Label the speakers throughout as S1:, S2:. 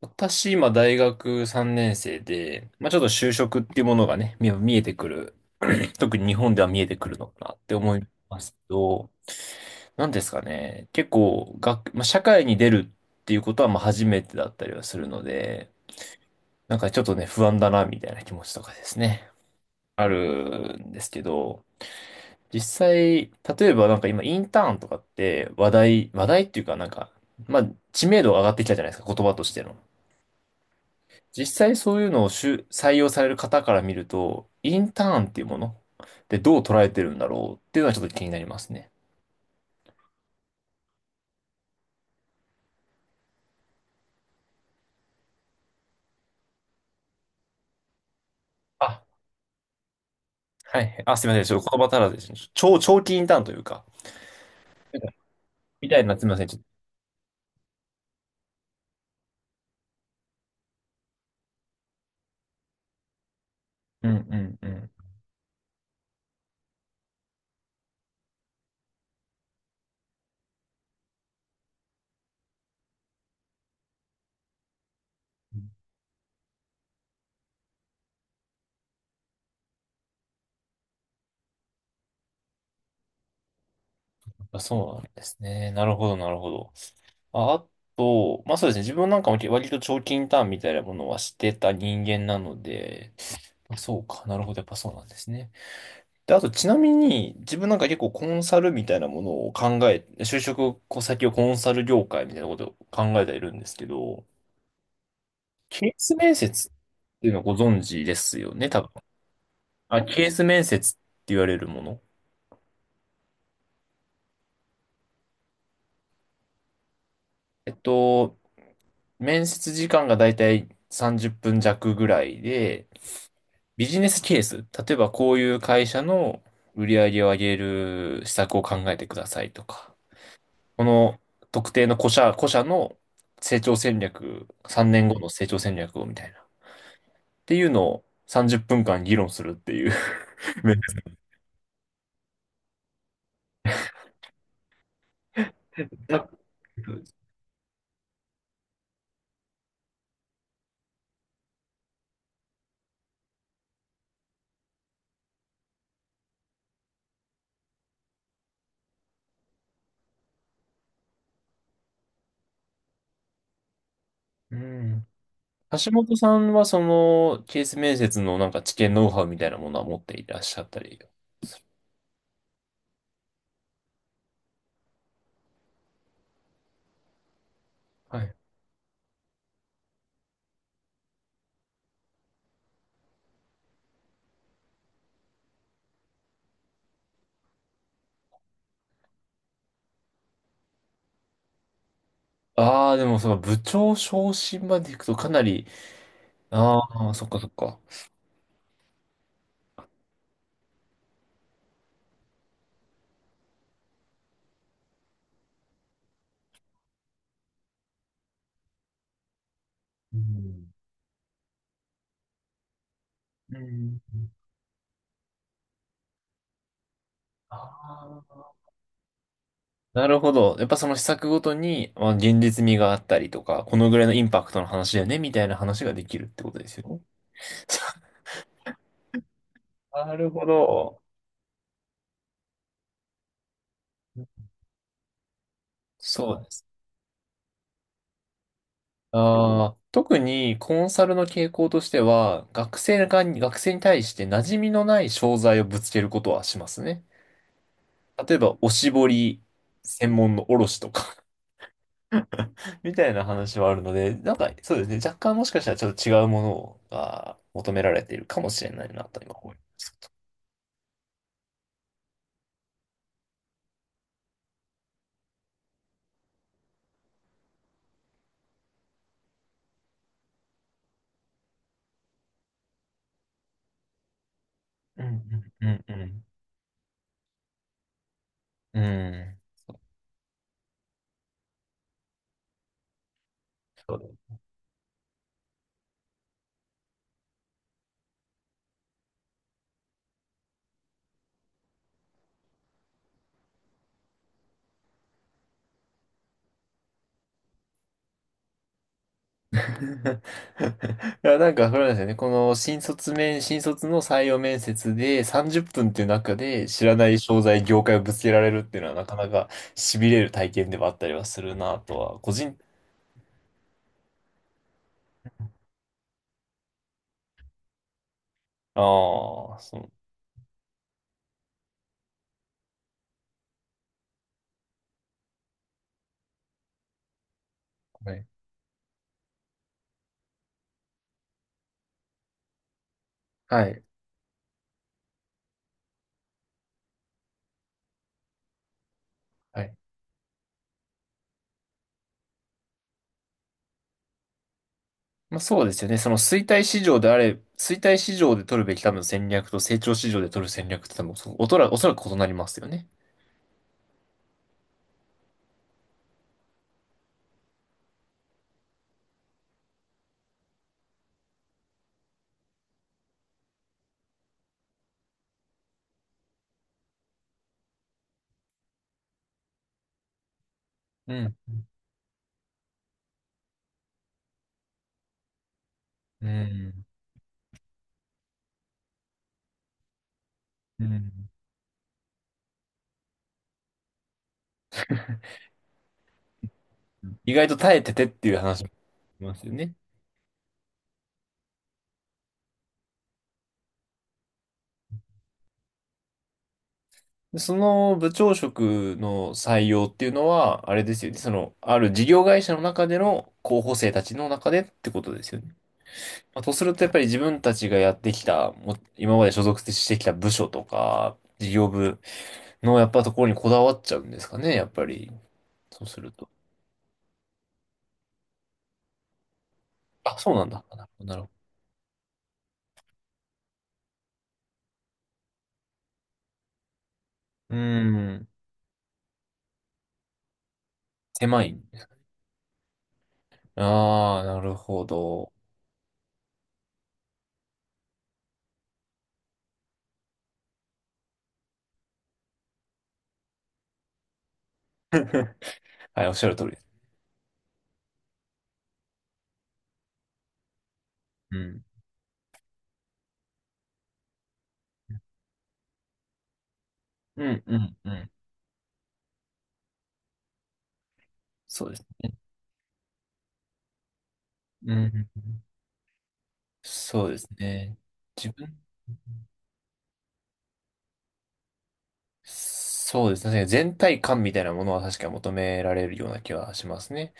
S1: 私、今、大学3年生で、まあ、ちょっと就職っていうものがね、見えてくる。特に日本では見えてくるのかなって思いますけど、なんですかね。結構、まあ、社会に出るっていうことは、まあ、初めてだったりはするので、なんかちょっとね、不安だな、みたいな気持ちとかですね。あるんですけど、実際、例えばなんか今、インターンとかって話題っていうかなんか、まあ、知名度が上がってきたじゃないですか、言葉としての。実際そういうのを就採用される方から見ると、インターンっていうものでどう捉えてるんだろうっていうのはちょっと気になりますね。あ、はい。あ、すみません。ちょっと言葉足らずですね。長期インターンというか、みたいな、すみません。ちょっと。うんうんうん。あ、そうなんですね。なるほど、なるほど。あ、あと、まあそうですね。自分なんかも割と長期インターンみたいなものはしてた人間なので、あそうか。なるほど。やっぱそうなんですね。で、あとちなみに、自分なんか結構コンサルみたいなものを考え、就職先をコンサル業界みたいなことを考えているんですけど、ケース面接っていうのはご存知ですよね、多分。あ、ケース面接って言われるもの。えっと、面接時間がだいたい30分弱ぐらいで、ビジネスケース、例えばこういう会社の売り上げを上げる施策を考えてくださいとか。この特定の個社の成長戦略、3年後の成長戦略をみたいな。っていうのを30分間議論するっていう 面接。うん。橋本さんはそのケース面接のなんか知見ノウハウみたいなものは持っていらっしゃったり。はい。ああ、でもその部長昇進まで行くとかなり、ああ、そっかそっか。うん。うん。ああ。なるほど。やっぱその施策ごとに、まあ、現実味があったりとか、このぐらいのインパクトの話だよね、みたいな話ができるってことですよね。なるほど。そうです。あー特にコンサルの傾向としては、学生に対して馴染みのない商材をぶつけることはしますね。例えば、おしぼり専門の卸とか みたいな話はあるので、なんか、そうですね。若干もしかしたらちょっと違うものが求められているかもしれないなと今思い。うんうんうんうん。うん。そう。 いや、なんか、それなんですよね。この新卒の採用面接で30分っぷんっていう中で知らない商材、業界をぶつけられるっていうのはなかなか痺れる体験ではあったりはするなとは、個人、ああ、そう。はい。はい。はい。まあそうですよね。その衰退市場であれ、衰退市場で取るべき多分戦略と成長市場で取る戦略って多分、おそらく異なりますよね。うん。うん。うん。意外と耐えててっていう話もありますよね。でその部長職の採用っていうのは、あれですよね。その、ある事業会社の中での候補生たちの中でってことですよね。まあ、とすると、やっぱり自分たちがやってきた、今まで所属してきた部署とか、事業部のやっぱところにこだわっちゃうんですかね、やっぱり。そうすると。あ、そうなんだ。なるほど、なるほど。うーん。狭いね。ああ、なるほど。はい、おっしゃる通りです。うん。うん、うん、うん。そうです。うん。そうですね。自分、そうですね。確かに全体感みたいなものは確かに求められるような気はしますね。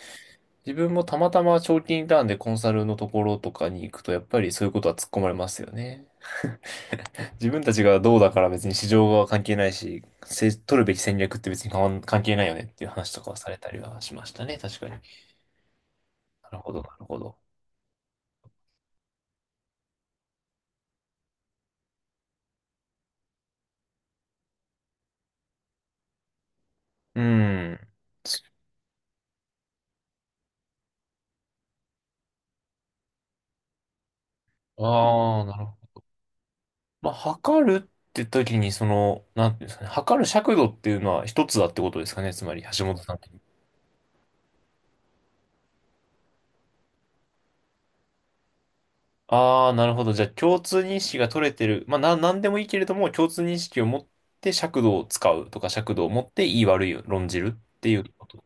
S1: 自分もたまたま長期インターンでコンサルのところとかに行くと、やっぱりそういうことは突っ込まれますよね。自分たちがどうだから別に市場は関係ないし、取るべき戦略って別に変わん関係ないよねっていう話とかはされたりはしましたね。確かに。なるほど、なるほど。うん。ああ、なるほど。まあ、測るって時に、その、なんていうんですかね、測る尺度っていうのは一つだってことですかね、つまり、橋本さん的に。ああ、なるほど。じゃあ、共通認識が取れてる。まあ、なんでもいいけれども、共通認識を持って尺度を使うとか、尺度を持っていい悪いを論じるっていうこと。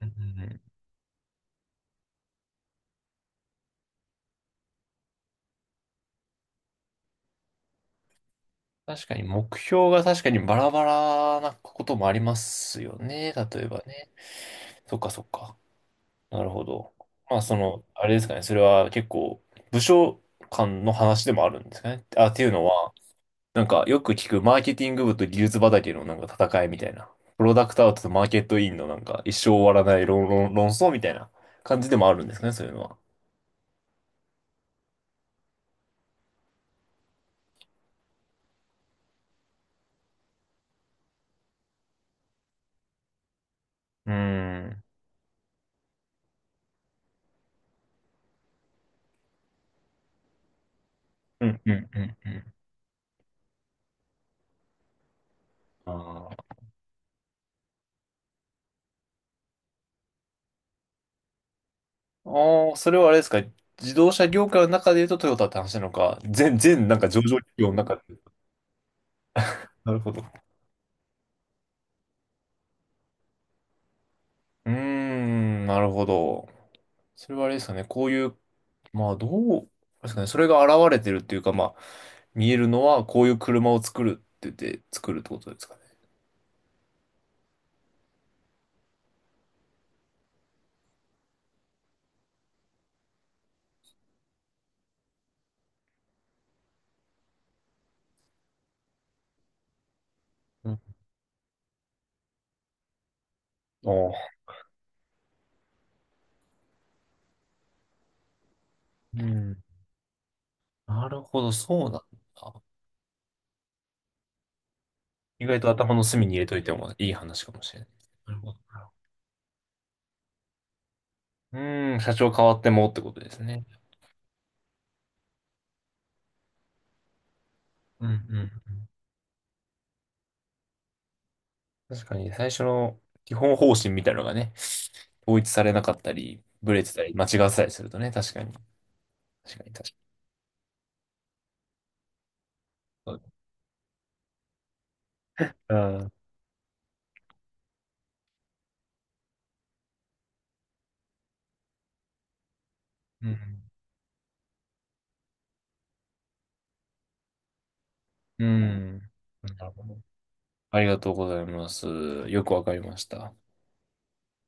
S1: うんうんうん。確かに、目標が確かにバラバラなこともありますよね、例えばね。そっかそっか。なるほど。まあ、その、あれですかね、それは結構、部署間の話でもあるんですかね。あ、っていうのは、なんかよく聞くマーケティング部と技術畑のなんか戦いみたいな。プロダクトアウトとマーケットインのなんか一生終わらない論争みたいな感じでもあるんですね、そういうのは。うーん。うん、うん、うん、うん。あーあー、それはあれですか。自動車業界の中で言うとトヨタって話なのか、全なんか上場企業の中で。なるほど。うーん、なるほど。それはあれですかね。こういう、まあどう、ですかね。それが現れてるっていうか、まあ見えるのはこういう車を作るって言って作るってことですかね。うん。おー。うん。なるほど、そうなんだ。意外と頭の隅に入れといてもいい話かもしれない。なるほど。うん、社長変わってもってことですね。うんうん。確かに最初の基本方針みたいなのがね、統一されなかったり、ブレてたり、間違ってたりするとね、確かに。確かに、確かに。そう。うん。うん。うん。なるほど。ありがとうございます。よくわかりました。